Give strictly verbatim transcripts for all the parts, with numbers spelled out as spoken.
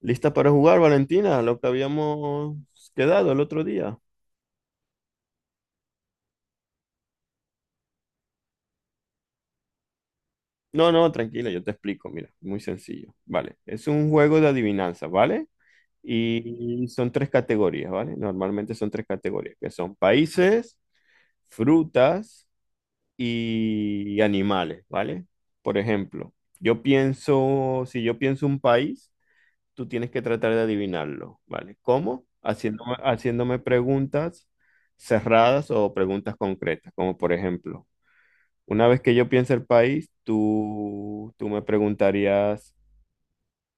¿Lista para jugar, Valentina? Lo que habíamos quedado el otro día. No, no, tranquila, yo te explico, mira, muy sencillo. Vale, es un juego de adivinanza, ¿vale? Y son tres categorías, ¿vale? Normalmente son tres categorías, que son países, frutas y animales, ¿vale? Por ejemplo, yo pienso, si yo pienso un país, tú tienes que tratar de adivinarlo, ¿vale? ¿Cómo? Haciéndome, haciéndome preguntas cerradas o preguntas concretas, como por ejemplo, una vez que yo piense el país, tú, tú me preguntarías,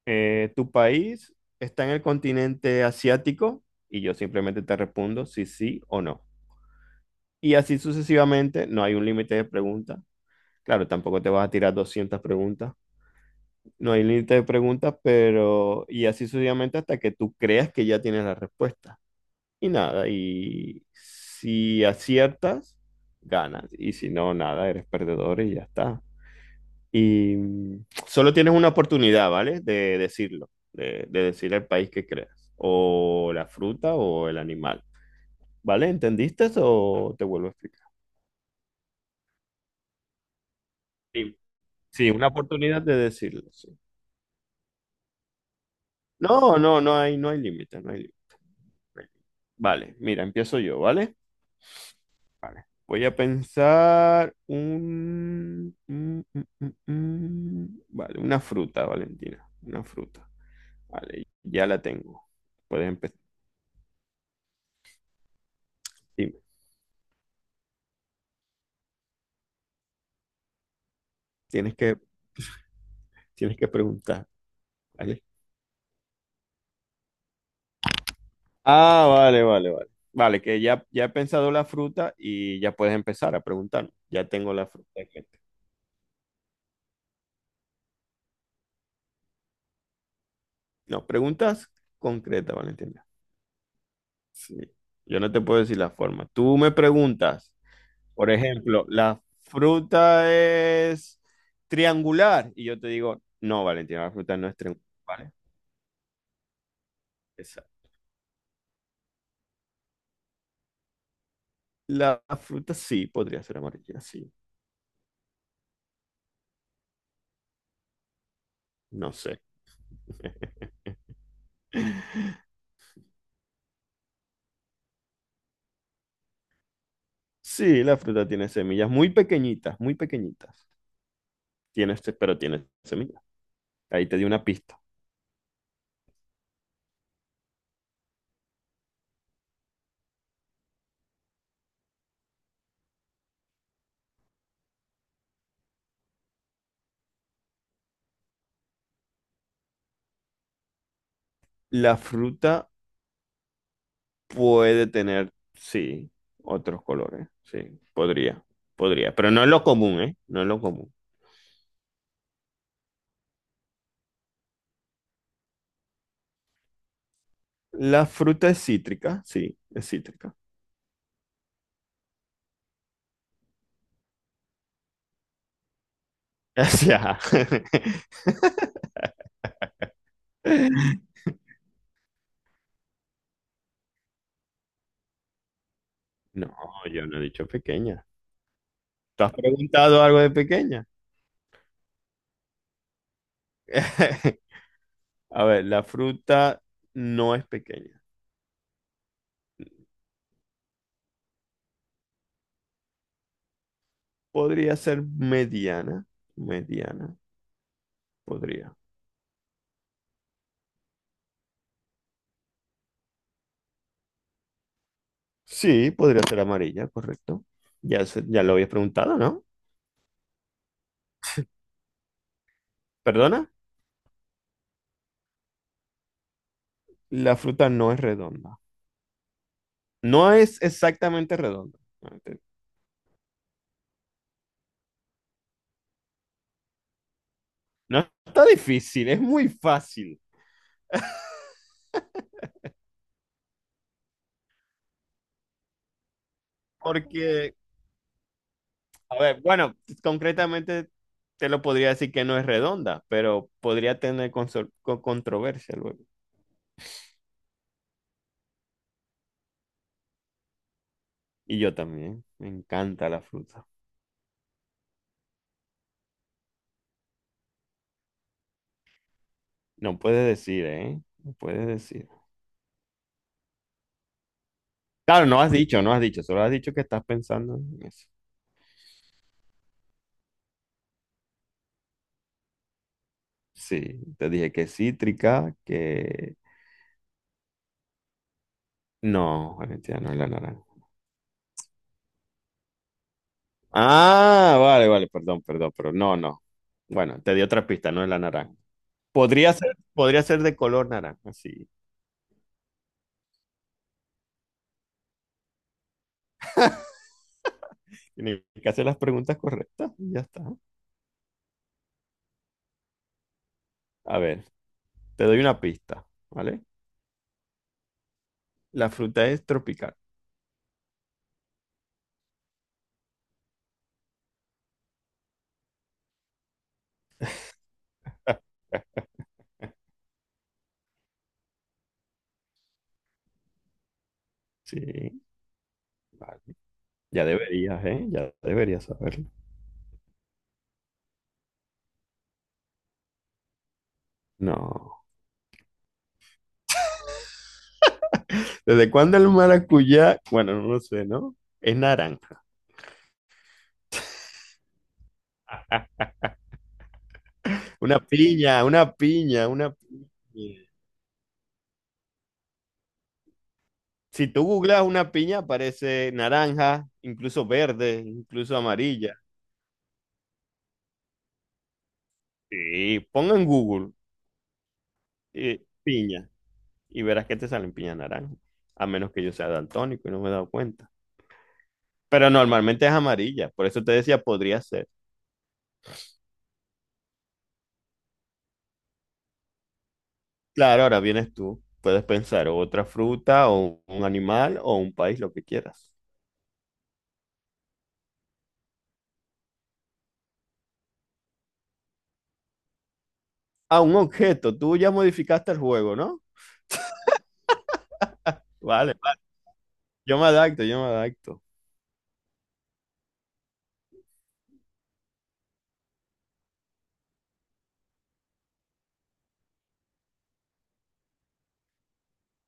eh, ¿tu país está en el continente asiático? Y yo simplemente te respondo si sí o no. Y así sucesivamente, no hay un límite de preguntas. Claro, tampoco te vas a tirar doscientas preguntas. No hay límite de preguntas, pero... Y así sucesivamente hasta que tú creas que ya tienes la respuesta. Y nada, y si aciertas, ganas. Y si no, nada, eres perdedor y ya está. Y mm, solo tienes una oportunidad, ¿vale? De decirlo, de, de decir el país que creas, o la fruta o el animal, ¿vale? ¿Entendiste o te vuelvo a explicar? Sí, sí, una oportunidad de decirlo, sí. No, no, no hay, no hay límite, no hay límite. Vale, mira, empiezo yo, ¿vale? Vale. Voy a pensar un... un- un- un- un- Vale, una fruta, Valentina. Una fruta. Vale, ya la tengo. Puedes empezar. Dime. Tienes que, tienes que preguntar. ¿Vale? Ah, vale, vale, vale. Vale, que ya, ya he pensado la fruta y ya puedes empezar a preguntar. Ya tengo la fruta en mente. No, preguntas concretas, Valentina. Sí. Yo no te puedo decir la forma. Tú me preguntas. Por ejemplo, la fruta es triangular. Y yo te digo, no, Valentina, la fruta no es triangular. Vale, esa- la fruta sí podría ser amarilla, sí. No sé. Sí, la fruta tiene semillas muy pequeñitas, muy pequeñitas. Tiene, se- pero tiene semillas. Ahí te di una pista. La fruta puede tener, sí, otros colores. Sí, podría, podría. Pero no es lo común, ¿eh? No es lo común. La fruta es cítrica, sí, es cítrica. Ya. No, yo no he dicho pequeña. ¿Tú has preguntado algo de pequeña? A ver, la fruta no es pequeña. Podría ser mediana. Mediana, podría. Sí, podría ser amarilla, correcto. Ya, se- ya lo habías preguntado, ¿no? ¿Perdona? La fruta no es redonda. No es exactamente redonda. No, no está difícil, es muy fácil. Porque a ver, bueno, concretamente te lo podría decir que no es redonda, pero podría tener consor- co- controversia luego. Y yo también, me encanta la fruta. No puedes decir, ¿eh? No puedes decir. Claro, no has dicho, no has dicho, solo has dicho que estás pensando en eso. Sí, te dije que cítrica, que... No, Valentina, no es la naranja. Ah, vale, vale, perdón, perdón, pero no, no. Bueno, te di otra pista, no es la naranja. Podría ser, podría ser de color naranja, sí. Tienes que hacer las preguntas correctas y ya está. A ver, te doy una pista, ¿vale? La fruta es tropical. Sí, vale. Ya deberías, ¿eh? Ya deberías saberlo. No. ¿Desde cuándo el maracuyá? Bueno, no lo sé, ¿no? Es naranja. Una piña, una piña, una piña. Si tú googlas una piña, aparece naranja, incluso verde, incluso amarilla. Sí, ponga en Google eh, piña. Y verás que te salen piña naranja, a menos que yo sea daltónico y no me he dado cuenta. Pero normalmente es amarilla, por eso te decía, podría ser. Claro, ahora vienes tú, puedes pensar otra fruta o un animal o un país, lo que quieras. Ah, un objeto, tú ya modificaste el juego, ¿no? Vale, vale, yo me adapto, yo me adapto.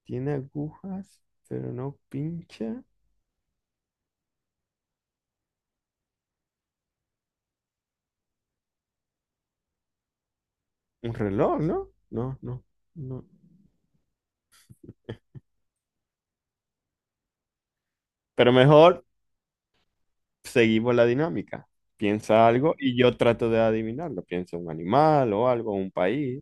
Tiene agujas, pero no pincha. Un reloj, ¿no? No, no, no. Pero mejor seguimos la dinámica. Piensa algo y yo trato de adivinarlo. Piensa un animal o algo, un país.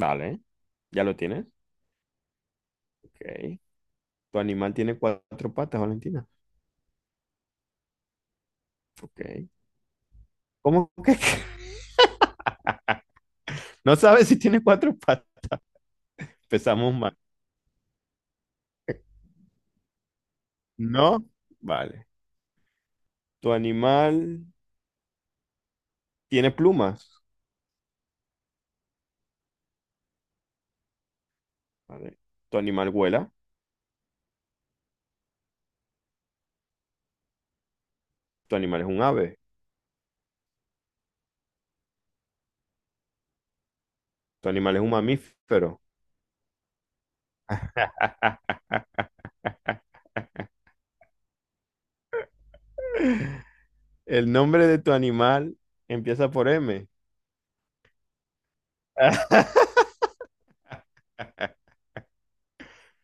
Vale, ¿ya lo tienes? Ok. ¿Tu animal tiene cuatro patas, Valentina? Ok. ¿Cómo que? No sabes si tiene cuatro patas. Empezamos mal. No, vale. ¿Tu animal tiene plumas? Vale. ¿Tu animal vuela? ¿Tu animal es un ave? ¿Tu animal es un mamífero? ¿El nombre de tu animal empieza por M?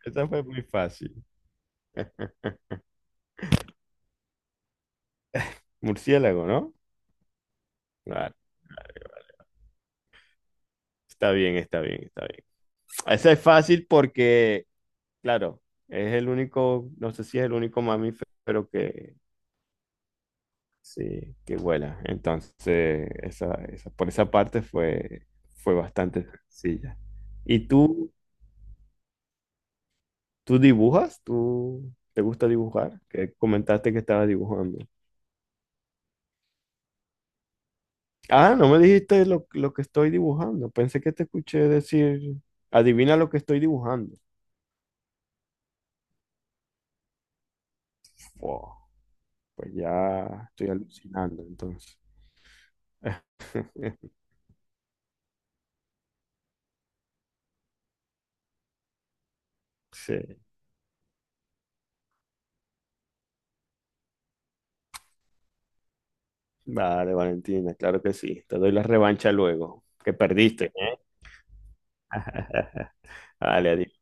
Esa fue muy fácil. Murciélago, ¿no? Claro, claro. Está bien, está bien, está bien. Esa es fácil porque, claro, es el único, no sé si es el único mamífero que, sí, que vuela. Entonces, esa, esa, por esa parte fue, fue bastante sencilla. ¿Y tú, tú dibujas? ¿Tú te gusta dibujar? Que comentaste que estabas dibujando. Ah, no me dijiste lo, lo que estoy dibujando. Pensé que te escuché decir, adivina lo que estoy dibujando. Wow, pues ya estoy alucinando entonces. Sí, vale, Valentina, claro que sí. Te doy la revancha luego, que perdiste, ¿eh? Vale, adiós.